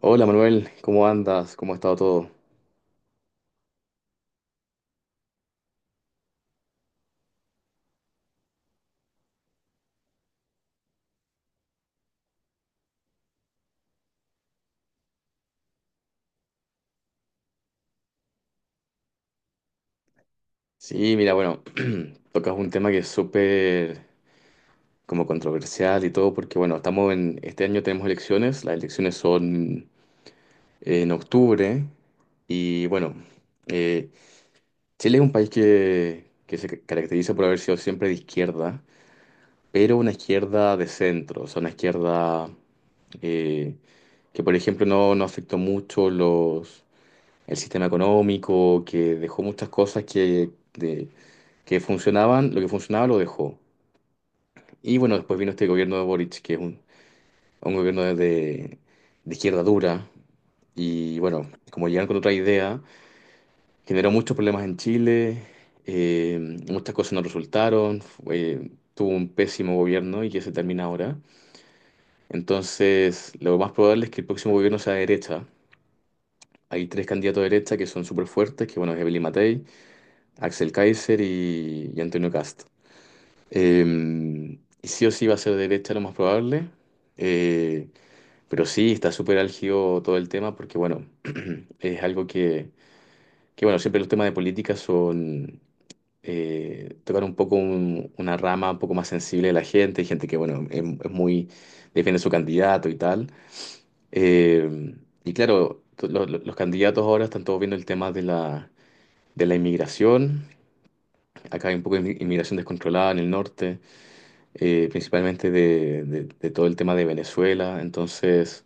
Hola Manuel, ¿cómo andas? ¿Cómo ha estado todo? Sí, mira, bueno, tocas un tema que es súper como controversial y todo, porque bueno, estamos en, este año tenemos elecciones, las elecciones son en octubre y bueno, eh, Chile es un país que se caracteriza por haber sido siempre de izquierda, pero una izquierda de centro, o sea, una izquierda eh, que por ejemplo no, no afectó mucho el sistema económico, que dejó muchas cosas que funcionaban, lo que funcionaba lo dejó. Y bueno, después vino este gobierno de Boric, que es un gobierno de izquierda dura, y bueno, como llegaron con otra idea, generó muchos problemas en Chile, eh, muchas cosas no resultaron, tuvo un pésimo gobierno y que se termina ahora. Entonces, lo más probable es que el próximo gobierno sea de derecha. Hay tres candidatos de derecha que son súper fuertes, que bueno, es Evelyn Matei, Axel Kaiser y Antonio Cast. Eh, y sí o sí va a ser derecha lo más probable, eh, pero sí está súper álgido todo el tema porque, bueno, es algo que, bueno, siempre los temas de política son tocar un poco una rama un poco más sensible de la gente, gente que, bueno, es muy, defiende su candidato y tal. Eh, y claro, los candidatos ahora están todos viendo el tema de de la inmigración. Acá hay un poco de inmigración descontrolada en el norte. Eh, principalmente de todo el tema de Venezuela. Entonces,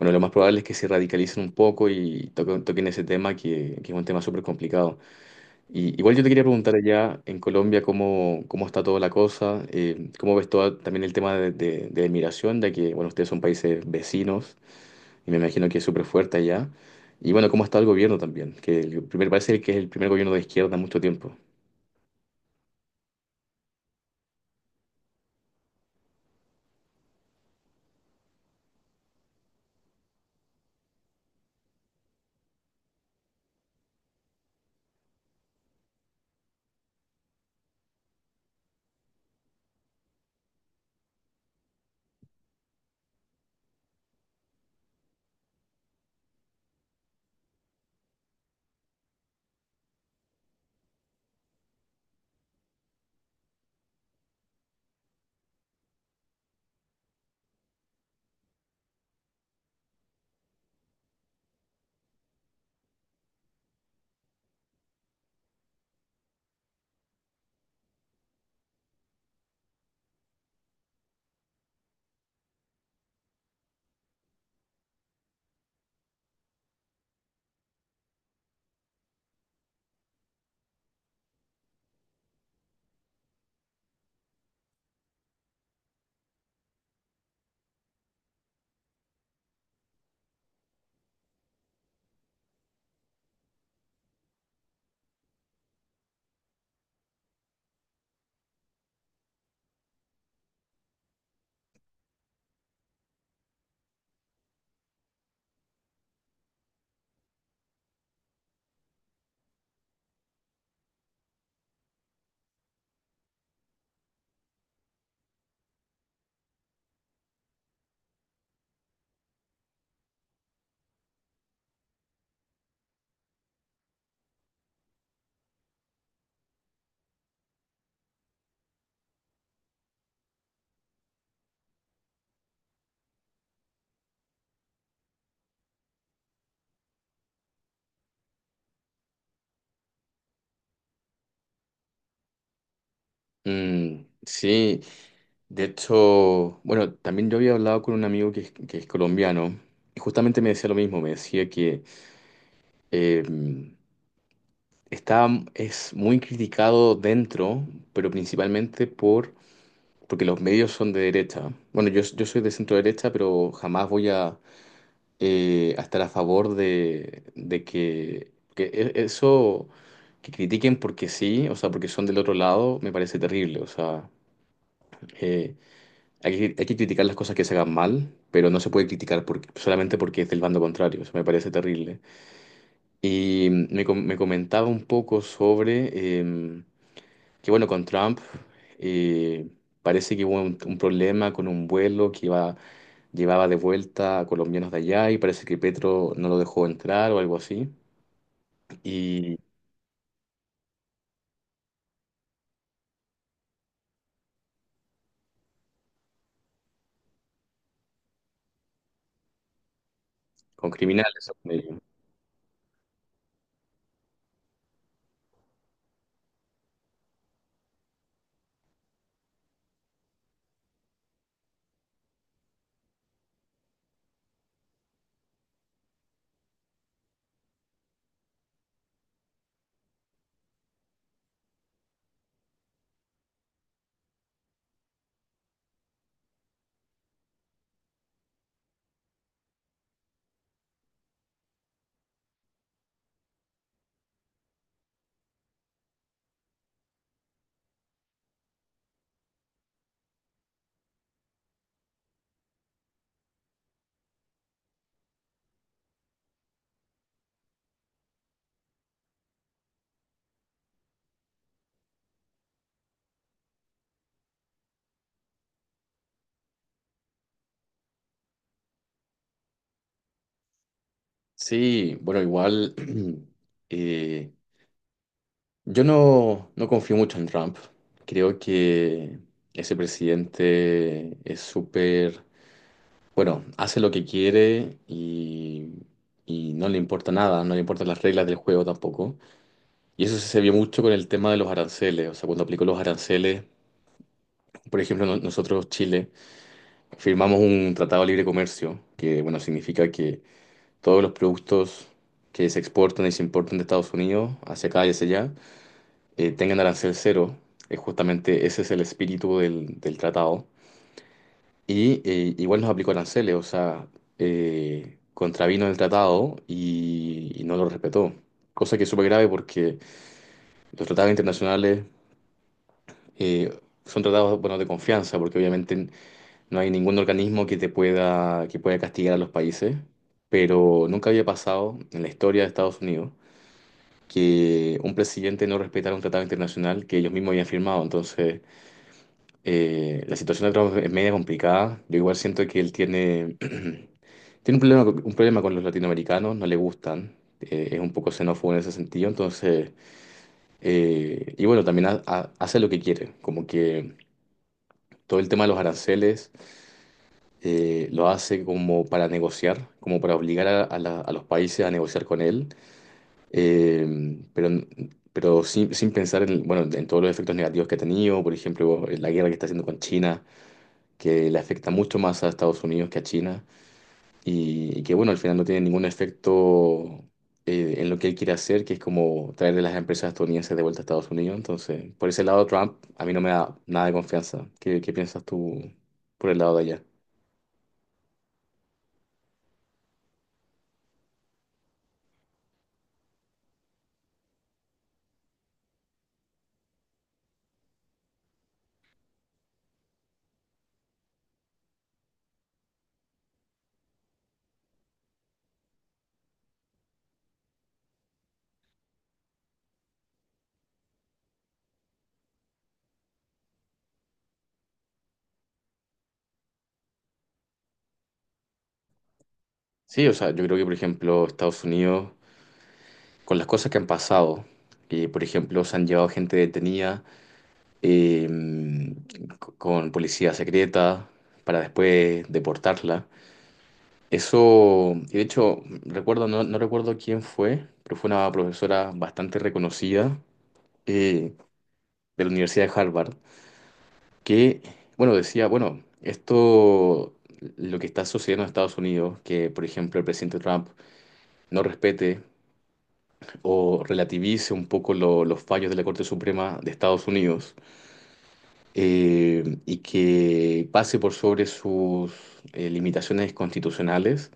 bueno, lo más probable es que se radicalicen un poco y toquen ese tema que es un tema súper complicado. Y, igual yo te quería preguntar allá en Colombia cómo está toda la cosa, cómo ves todo también el tema de migración, ya que, bueno, ustedes son países vecinos y me imagino que es súper fuerte allá. Y bueno, cómo está el gobierno también, que el primer, parece que es el primer gobierno de izquierda en mucho tiempo. Mm, sí. De hecho, bueno, también yo había hablado con un amigo que es colombiano y justamente me decía lo mismo, me decía que eh, está, es muy criticado dentro, pero principalmente porque los medios son de derecha. Bueno, yo soy de centro derecha, pero jamás voy a estar a favor de que eso, que critiquen porque sí, o sea, porque son del otro lado, me parece terrible, o sea... eh, hay que criticar las cosas que se hagan mal, pero no se puede criticar solamente porque es del bando contrario. Eso me parece terrible. Y me comentaba un poco sobre que, bueno, con Trump eh, parece que hubo un problema con un vuelo que iba, llevaba de vuelta a colombianos de allá y parece que Petro no lo dejó entrar o algo así. Y con criminales. Según ellos. Sí, bueno, igual. eh, Yo no, no confío mucho en Trump. Creo que ese presidente es súper, bueno, hace lo que quiere y no le importa nada, no le importan las reglas del juego tampoco. Y eso se vio mucho con el tema de los aranceles. O sea, cuando aplicó los aranceles, por ejemplo, nosotros, Chile, firmamos un tratado de libre comercio, que, bueno, significa que todos los productos que se exportan y se importan de Estados Unidos hacia acá y hacia allá, tengan arancel cero. Justamente ese es el espíritu del tratado. Y igual nos aplicó aranceles, o sea, contravino el tratado y no lo respetó. Cosa que es súper grave porque los tratados internacionales eh, son tratados, bueno, de confianza, porque obviamente no hay ningún organismo que te pueda, que pueda castigar a los países. Pero nunca había pasado en la historia de Estados Unidos que un presidente no respetara un tratado internacional que ellos mismos habían firmado. Entonces, la situación de Trump es media complicada. Yo igual siento que él tiene, tiene un problema, un problema con los latinoamericanos, no le gustan. Es un poco xenófobo en ese sentido. Entonces, y bueno, también hace lo que quiere. Como que todo el tema de los aranceles lo hace como para negociar, como para obligar a, a los países a negociar con él. Pero sin pensar en, bueno, en todos los efectos negativos que ha tenido, por ejemplo, en la guerra que está haciendo con China que le afecta mucho más a Estados Unidos que a China y que bueno, al final no tiene ningún efecto en lo que él quiere hacer, que es como traerle las empresas estadounidenses de vuelta a Estados Unidos. Entonces, por ese lado, Trump a mí no me da nada de confianza. Qué piensas tú por el lado de allá? Sí, o sea, yo creo que por ejemplo Estados Unidos, con las cosas que han pasado, que por ejemplo se han llevado gente detenida eh, con policía secreta para después deportarla. Eso, y de hecho, recuerdo, no, no recuerdo quién fue, pero fue una profesora bastante reconocida eh, de la Universidad de Harvard, que, bueno, decía, bueno, esto, lo que está sucediendo en Estados Unidos, que, por ejemplo, el presidente Trump no respete o relativice un poco los fallos de la Corte Suprema de Estados Unidos y que pase por sobre sus limitaciones constitucionales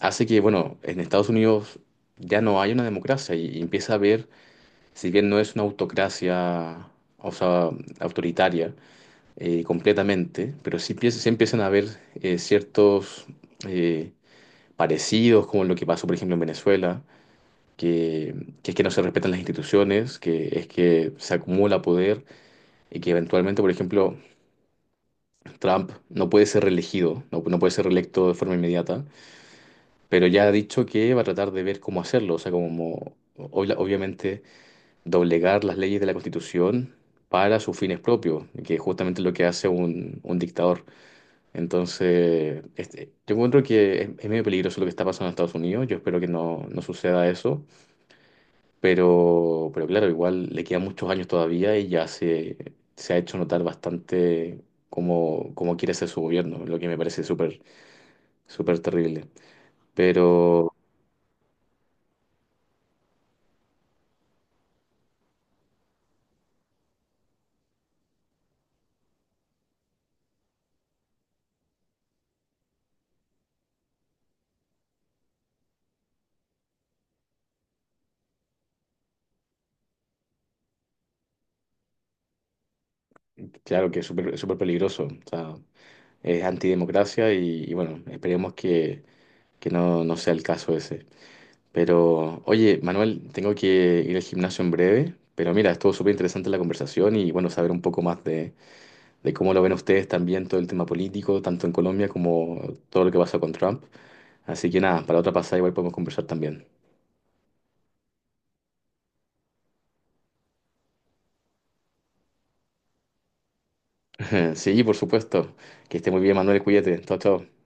hace que, bueno, en Estados Unidos ya no hay una democracia y empieza a haber, si bien no es una autocracia, o sea, autoritaria completamente, pero sí, sí empiezan a haber ciertos eh, parecidos, como lo que pasó, por ejemplo, en Venezuela, que, que es que no se respetan las instituciones, que es que se acumula poder y que eventualmente, por ejemplo, Trump no puede ser reelegido, no puede ser reelecto de forma inmediata, pero ya ha dicho que va a tratar de ver cómo hacerlo, o sea, como obviamente doblegar las leyes de la Constitución para sus fines propios, que es justamente lo que hace un dictador. Entonces, este, yo encuentro que es medio peligroso lo que está pasando en Estados Unidos, yo espero que no, no suceda eso, pero claro, igual le quedan muchos años todavía y ya se ha hecho notar bastante cómo quiere ser su gobierno, lo que me parece súper, súper terrible. Pero claro que es súper súper peligroso, o sea, es antidemocracia y bueno, esperemos que no, no sea el caso ese. Pero, oye, Manuel, tengo que ir al gimnasio en breve, pero mira, estuvo súper interesante la conversación y bueno, saber un poco más de cómo lo ven ustedes también todo el tema político, tanto en Colombia como todo lo que pasa con Trump. Así que nada, para otra pasada igual podemos conversar también. Sí, por supuesto. Que esté muy bien, Manuel, cuídate. Chao, chao.